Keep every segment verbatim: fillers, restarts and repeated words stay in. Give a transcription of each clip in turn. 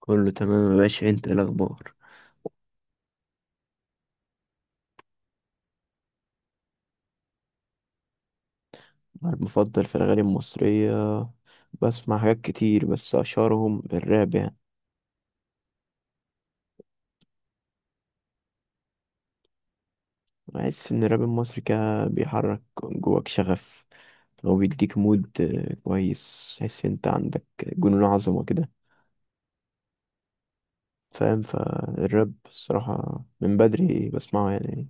كله تمام يا باشا، انت ايه الاخبار؟ انا المفضل في الاغاني المصريه، بسمع حاجات كتير بس اشهرهم الراب يعني. بحس ان الراب المصري كده بيحرك جواك شغف. هو بيديك مود، آه، كويس، تحس انت عندك جنون عظمه كده فاهم. فالراب الصراحه من بدري بسمعه يعني،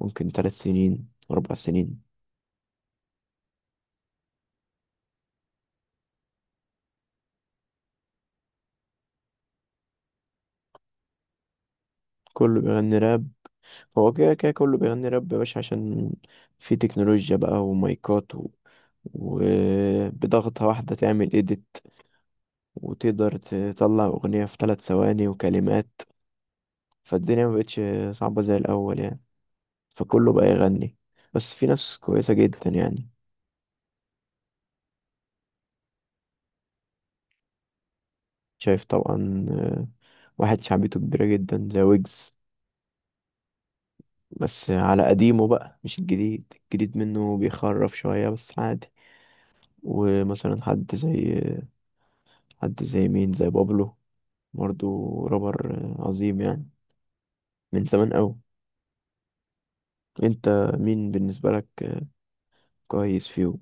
ممكن ثلاث سنين اربع سنين. كله بيغني راب. هو كده كده كله بيغني راب يا باشا، عشان في تكنولوجيا بقى ومايكات و... وبضغطة واحدة تعمل إيديت، وتقدر تطلع أغنية في ثلاث ثواني وكلمات. فالدنيا ما بقتش صعبة زي الأول يعني، فكله بقى يغني، بس في ناس كويسة جدا يعني. شايف طبعا. آه، واحد شعبيته كبيرة جدا زي ويجز، بس على قديمه بقى، مش الجديد. الجديد منه بيخرف شوية بس عادي. ومثلا حد زي، حد زي مين؟ زي بابلو، برضو رابر عظيم يعني، من زمان قوي. انت مين بالنسبة لك كويس فيهم؟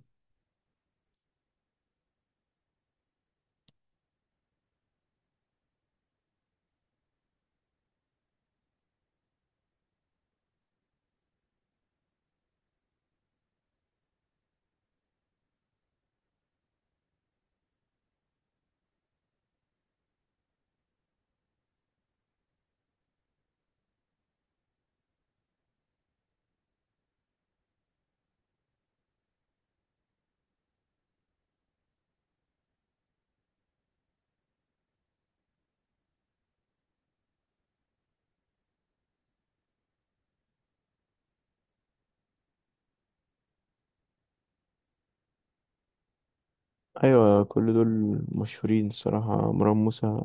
ايوه كل دول مشهورين الصراحة. مروان موسى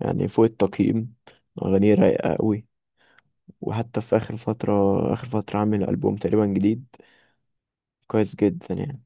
يعني فوق التقييم، اغانيه رايقة قوي. وحتى في اخر فترة اخر فترة عامل البوم تقريبا جديد، كويس جدا يعني.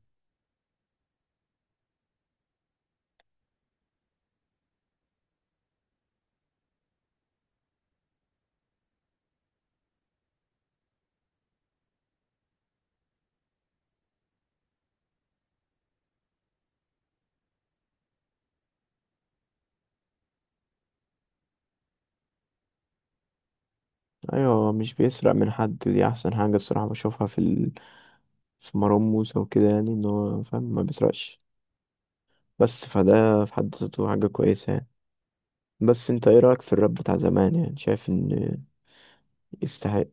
ايوه مش بيسرق من حد، دي احسن حاجة الصراحة بشوفها في ال... في مروان موسى وكده، يعني ان هو فاهم ما بيسرقش، بس فده في حد ذاته حاجة كويسة يعني. بس انت ايه رأيك في الراب بتاع زمان؟ يعني شايف ان يستحق؟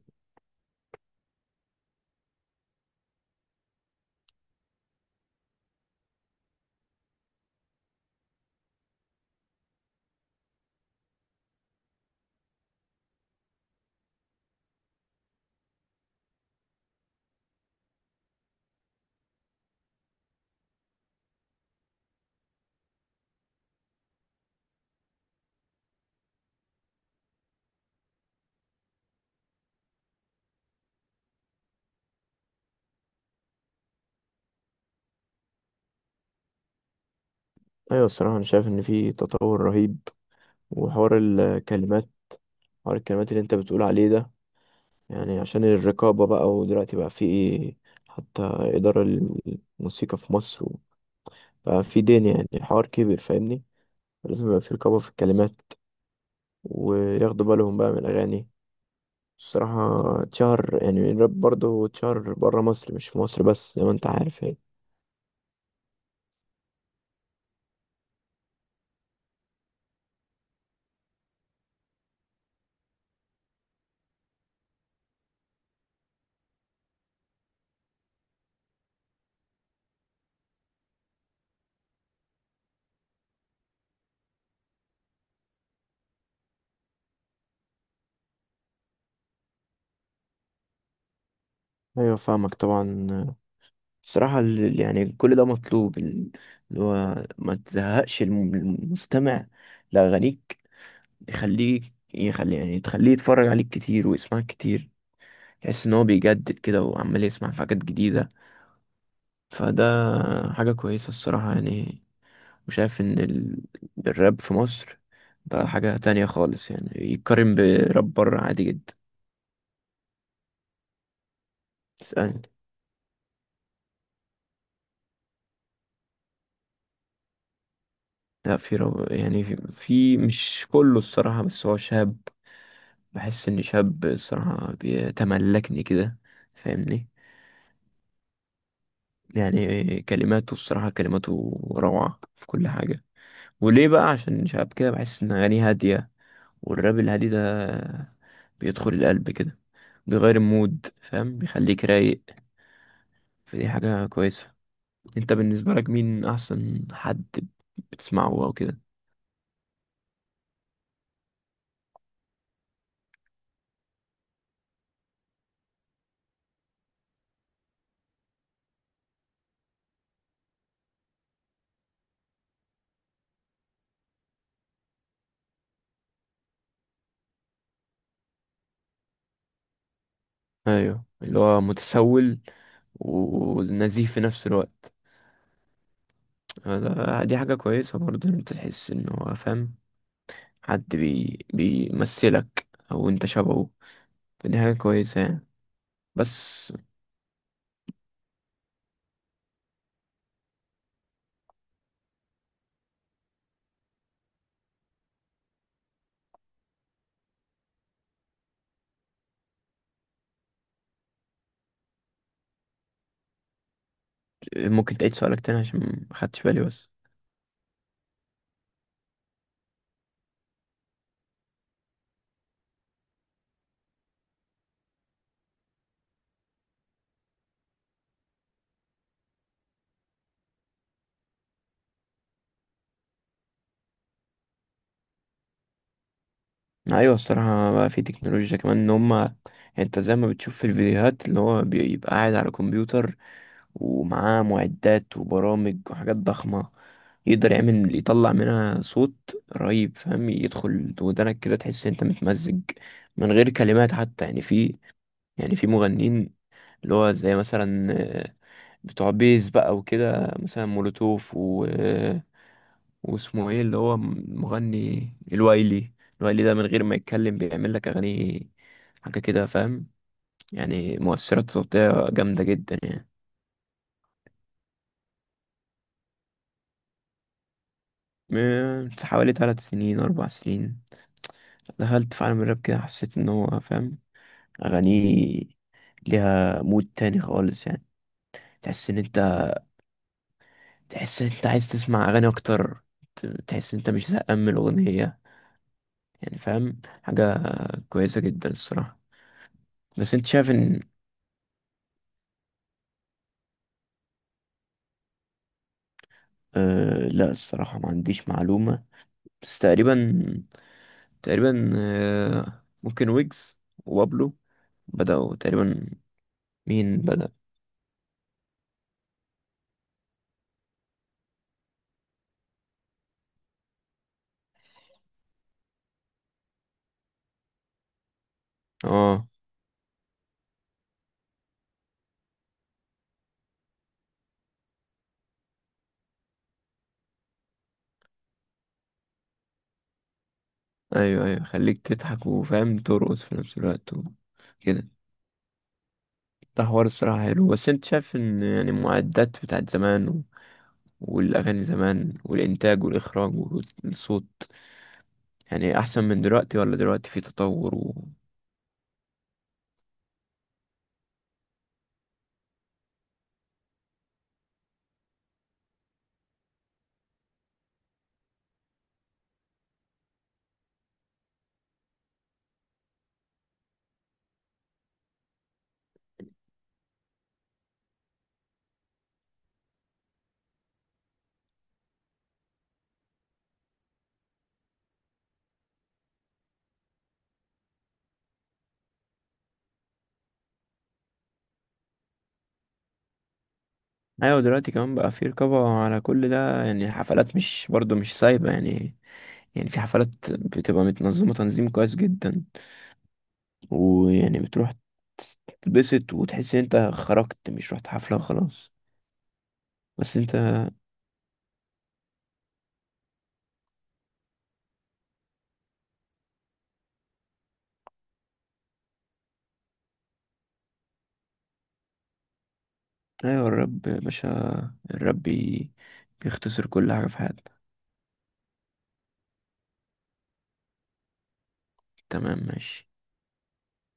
ايوه الصراحه انا شايف ان في تطور رهيب، وحوار الكلمات حوار الكلمات اللي انت بتقول عليه ده، يعني عشان الرقابه بقى، ودلوقتي بقى في حتى اداره الموسيقى في مصر، بقى في دين يعني، حوار كبير فاهمني. لازم يبقى في رقابه في الكلمات، وياخدوا بالهم بقى من الاغاني. الصراحه اتشهر يعني الراب برضه، اتشهر بره مصر، مش في مصر بس، زي ما انت عارف يعني. ايوه فاهمك طبعا. الصراحة ال- يعني كل ده مطلوب، ال- اللي هو ما تزهقش الم- المستمع لأغانيك، تخليك يخلي يعني تخليه يتفرج عليك كتير ويسمعك كتير، تحس إن هو بيجدد كده وعمال يسمع في حاجات جديدة، فده حاجة كويسة الصراحة يعني. وشايف إن ال- الراب في مصر بقى حاجة تانية خالص يعني، يتقارن براب بره عادي جدا. تسألني؟ لا، في رو... يعني في... في مش كله الصراحة، بس هو شاب. بحس إن شاب الصراحة بيتملكني كده فاهمني. يعني كلماته الصراحة، كلماته روعة في كل حاجة. وليه بقى؟ عشان شاب كده، بحس إن أغانيه هادية، والراب الهادي ده بيدخل القلب كده، بيغير المود فاهم، بيخليك رايق، فدي حاجة كويسة. انت بالنسبة لك مين أحسن حد بتسمعه أو كده؟ ايوه، اللي هو متسول ونزيف في نفس الوقت. ده- دي حاجة كويسة برضه، إن انت تحس ان هو فاهم، حد بي بيمثلك او انت شبهه، فدي حاجة كويسة يعني. بس ممكن تعيد سؤالك تاني عشان ما خدتش بالي بس. ايوه الصراحه بقى في تكنولوجيا كمان، ان هما يعني، انت زي ما بتشوف في الفيديوهات، اللي هو بيبقى قاعد على كمبيوتر ومعاه معدات وبرامج وحاجات ضخمه، يقدر يعمل يطلع منها صوت رهيب فاهم، يدخل ودنك كده تحس إن انت متمزج من غير كلمات حتى يعني. في يعني في مغنيين اللي هو زي مثلا، آه، بتوع بيز بقى وكده، مثلا مولوتوف، واسمه ايه اللي هو مغني الوايلي. الوايلي ده من غير ما يتكلم بيعمل لك اغاني، حاجه كده فاهم، يعني مؤثرات صوتيه جامده جدا يعني. من حوالي ثلاث سنين اربع سنين دخلت في عالم الراب كده، حسيت ان هو فاهم، اغانيه ليها مود تاني خالص يعني. تحس ان انت تحس ان انت عايز تسمع اغاني اكتر، ت- تحس ان انت مش زهقان من الاغنيه، يعني فاهم حاجه كويسه جدا الصراحه. بس انت شايف ان، أه لا الصراحة ما عنديش معلومة، بس تقريبا، تقريبا أه ممكن ويجز وبابلو بدأوا تقريبا. مين بدأ؟ اه، ايوه ايوه، خليك تضحك وفاهم ترقص في نفس الوقت وكده. ده حوار الصراحة حلو. بس انت شايف ان يعني المعدات بتاعت زمان و... والأغاني زمان، والإنتاج والإخراج والصوت، يعني أحسن من دلوقتي ولا دلوقتي في تطور و... ايوه دلوقتي كمان بقى في رقابة على كل ده، يعني الحفلات مش برضو مش سايبة يعني. يعني في حفلات بتبقى متنظمة تنظيم كويس جدا، ويعني بتروح تتبسط وتحس ان انت خرجت، مش رحت حفلة وخلاص. بس انت، ايوه الرب يا باشا، الرب بي- بيختصر كل حاجة في حياتك. تمام ماشي.